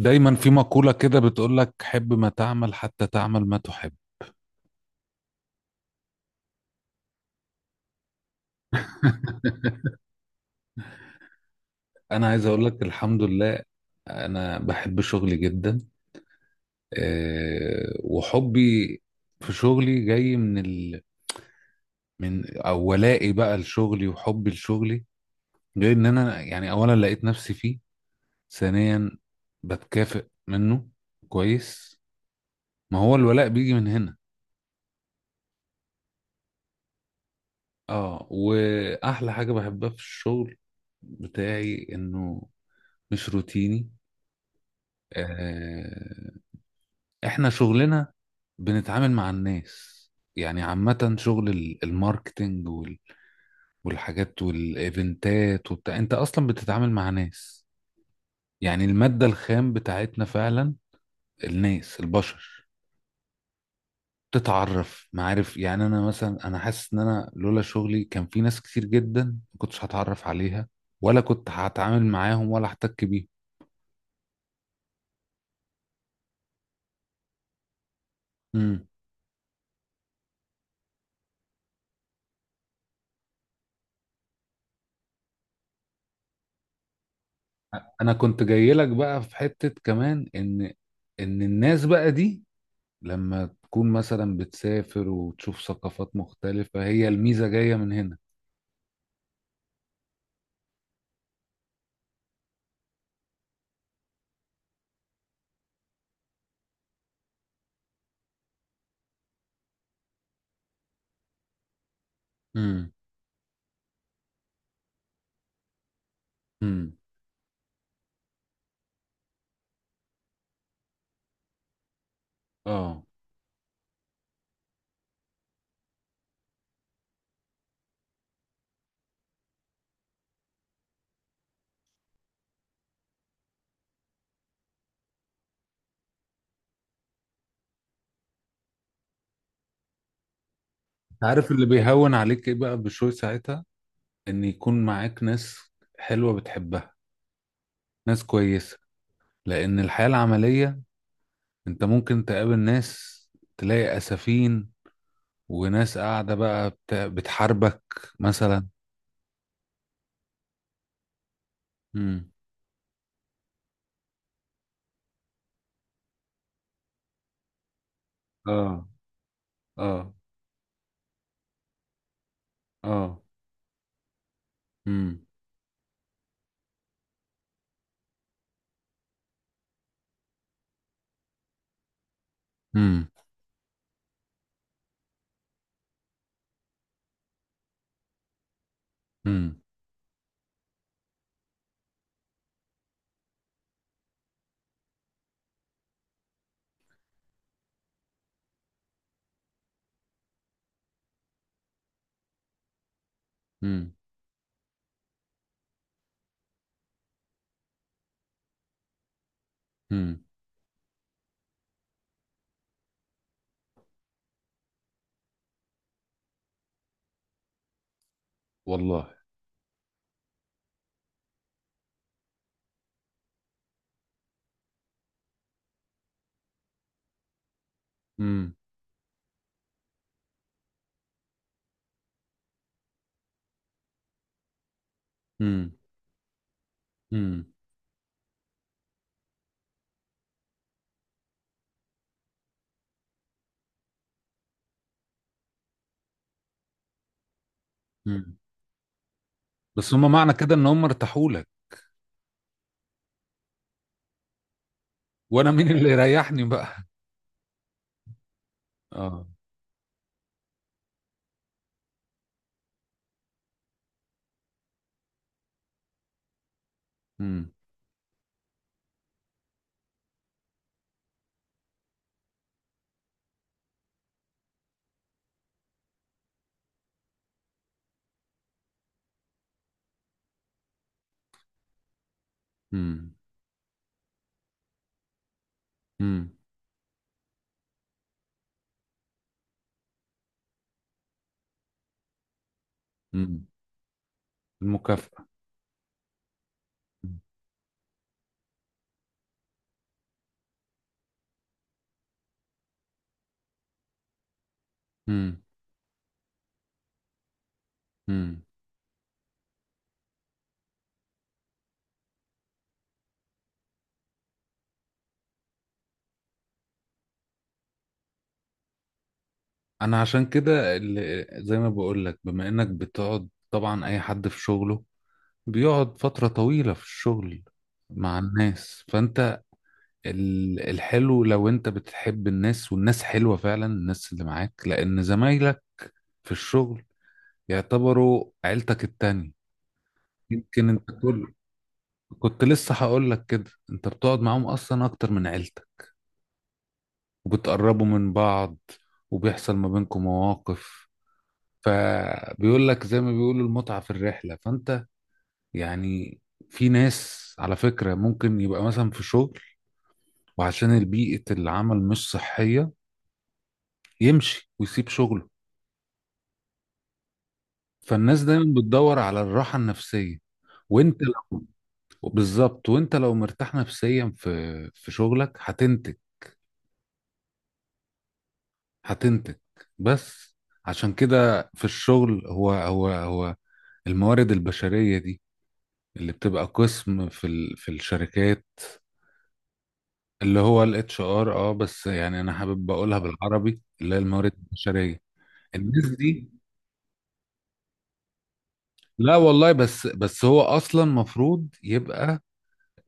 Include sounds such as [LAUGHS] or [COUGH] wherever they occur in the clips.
دايما في مقولة كده بتقول لك حب ما تعمل حتى تعمل ما تحب. [LAUGHS] انا عايز اقول لك الحمد لله. انا بحب شغلي جدا. وحبي في شغلي جاي من من او ولائي بقى لشغلي وحبي لشغلي. جاي ان انا يعني اولا لقيت نفسي فيه، ثانيا بتكافئ منه كويس. ما هو الولاء بيجي من هنا. اه واحلى حاجة بحبها في الشغل بتاعي انه مش روتيني. آه، احنا شغلنا بنتعامل مع الناس، يعني عامة شغل الماركتينج والحاجات والايفنتات وبتاع، انت اصلا بتتعامل مع ناس. يعني المادة الخام بتاعتنا فعلا الناس، البشر. تتعرف معارف، يعني انا مثلا انا حاسس ان انا لولا شغلي كان في ناس كتير جدا ما كنتش هتعرف عليها ولا كنت هتعامل معاهم ولا احتك بيهم. مم. انا كنت جاي لك بقى في حتة كمان ان الناس بقى دي لما تكون مثلا بتسافر وتشوف ثقافات مختلفة هي الميزة جاية من هنا. امم. امم. اه. أنت عارف اللي بيهون عليك ايه بقى بشوي ساعتها؟ ان يكون معاك ناس حلوة بتحبها، ناس كويسة. لان الحياة العملية انت ممكن تقابل ناس تلاقي اسفين وناس قاعدة بقى بتحاربك مثلا. امم. اه. اه. اه. امم. امم. امم. امم. والله. امم. امم. امم. امم. بس هم معنى كده ان هم ارتاحوا لك. وانا مين اللي يريحني بقى؟ اه. امم. امم. امم. امم. المكافأة. امم. امم. انا عشان كده اللي زي ما بقول لك، بما انك بتقعد طبعا اي حد في شغله بيقعد فترة طويلة في الشغل مع الناس، فانت الحلو لو انت بتحب الناس والناس حلوة فعلا، الناس اللي معاك، لان زمايلك في الشغل يعتبروا عيلتك التانية. يمكن انت كل كنت لسه هقول لك كده، انت بتقعد معاهم اصلا اكتر من عيلتك، وبتقربوا من بعض وبيحصل ما بينكم مواقف. فبيقول لك زي ما بيقولوا المتعة في الرحلة. فانت يعني في ناس على فكرة ممكن يبقى مثلا في شغل وعشان البيئة العمل مش صحية يمشي ويسيب شغله. فالناس دايما بتدور على الراحة النفسية. وانت لو بالظبط، وانت لو مرتاح نفسيا في شغلك هتنتج، هتنتج بس. عشان كده في الشغل هو الموارد البشرية دي اللي بتبقى قسم في الشركات، اللي هو الـ HR، بس يعني انا حابب اقولها بالعربي اللي هي الموارد البشرية. الناس دي لا والله، بس هو اصلا مفروض يبقى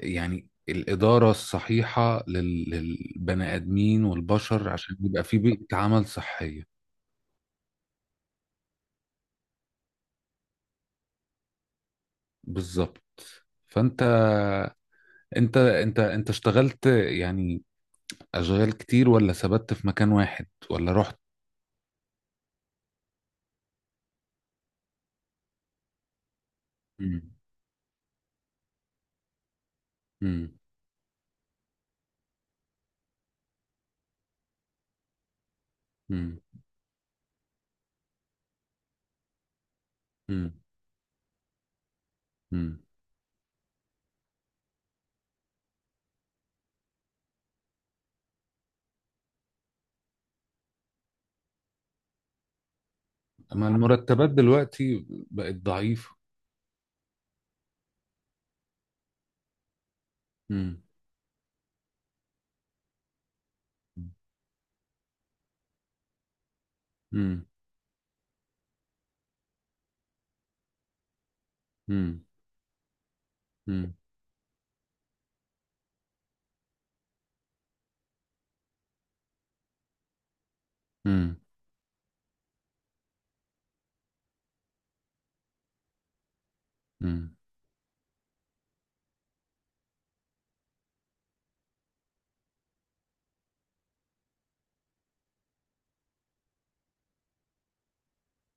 يعني الإدارة الصحيحة للبني آدمين والبشر عشان يبقى في بيئة عمل صحية. بالظبط. فأنت، انت اشتغلت يعني أشغال كتير ولا ثبت في مكان واحد ولا رحت؟ مم. مم. مم. مم. مم. أما المرتبات دلوقتي بقت ضعيفة. مم. مم. مم. مم. مم. مم.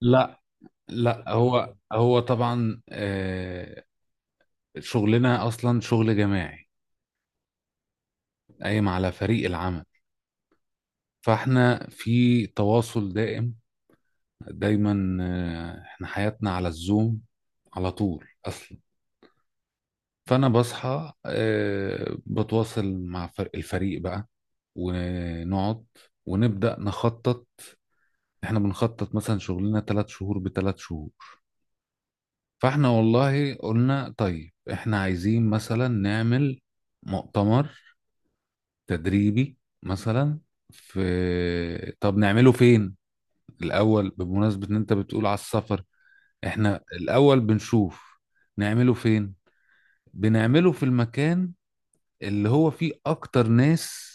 لا، لا، هو طبعا، شغلنا أصلا شغل جماعي قايم على فريق العمل، فاحنا في تواصل دائم. دايما احنا حياتنا على الزوم، على طول اصلا. فانا بصحى، بتواصل مع الفريق بقى، ونقعد ونبدا نخطط. احنا بنخطط مثلا شغلنا 3 شهور بثلاث شهور. فاحنا والله قلنا طيب احنا عايزين مثلا نعمل مؤتمر تدريبي مثلا، في طب نعمله فين؟ الاول بمناسبة ان انت بتقول على السفر، احنا الاول بنشوف نعمله فين. بنعمله في المكان اللي هو فيه اكتر ناس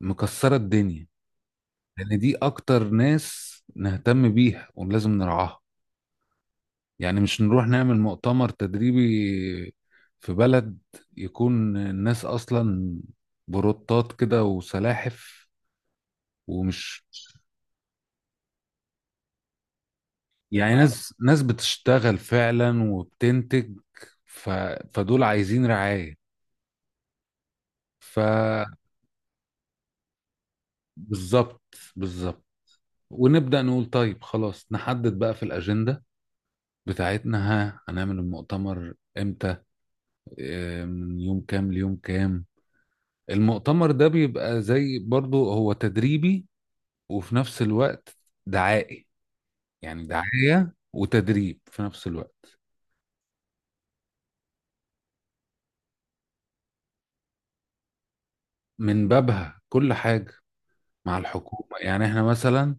مكسرة الدنيا، لأن دي أكتر ناس نهتم بيها ولازم نرعاها. يعني مش نروح نعمل مؤتمر تدريبي في بلد يكون الناس أصلا بروتات كده وسلاحف ومش. يعني ناس ناس بتشتغل فعلا وبتنتج، ف... فدول عايزين رعاية. فبالظبط. بالظبط. ونبدأ نقول طيب خلاص نحدد بقى في الأجندة بتاعتنا ها هنعمل المؤتمر امتى، من يوم كام ليوم كام. المؤتمر ده بيبقى زي برضو هو تدريبي وفي نفس الوقت دعائي، يعني دعاية وتدريب في نفس الوقت. من بابها كل حاجة. مع الحكومة، يعني احنا مثلا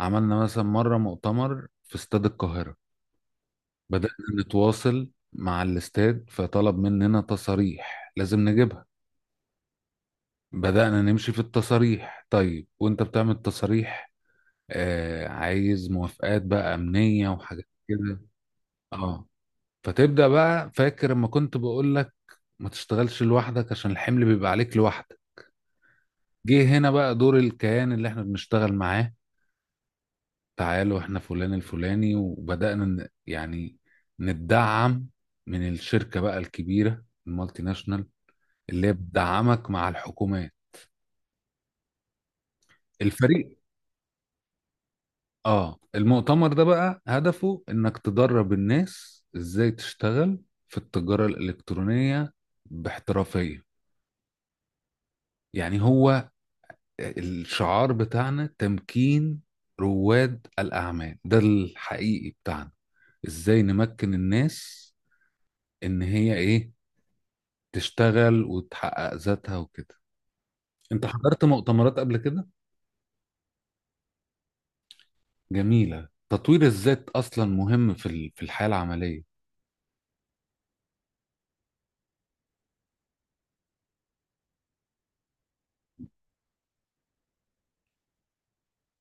عملنا مثلا مرة مؤتمر في استاد القاهرة. بدأنا نتواصل مع الاستاد فطلب مننا تصاريح لازم نجيبها. بدأنا نمشي في التصاريح، طيب وانت بتعمل تصاريح عايز موافقات بقى أمنية وحاجات كده. اه. فتبدأ بقى، فاكر لما كنت بقول لك ما تشتغلش لوحدك عشان الحمل بيبقى عليك لوحدك؟ جه هنا بقى دور الكيان اللي احنا بنشتغل معاه. تعالوا احنا فلان الفلاني، وبدأنا يعني نتدعم من الشركة بقى الكبيرة المالتي ناشونال اللي هي بتدعمك مع الحكومات. الفريق. اه، المؤتمر ده بقى هدفه انك تدرب الناس ازاي تشتغل في التجارة الإلكترونية باحترافية. يعني هو الشعار بتاعنا تمكين رواد الأعمال، ده الحقيقي بتاعنا، ازاي نمكن الناس ان هي ايه، تشتغل وتحقق ذاتها وكده. انت حضرت مؤتمرات قبل كده؟ جميلة تطوير الذات، اصلا مهم في الحياة العملية.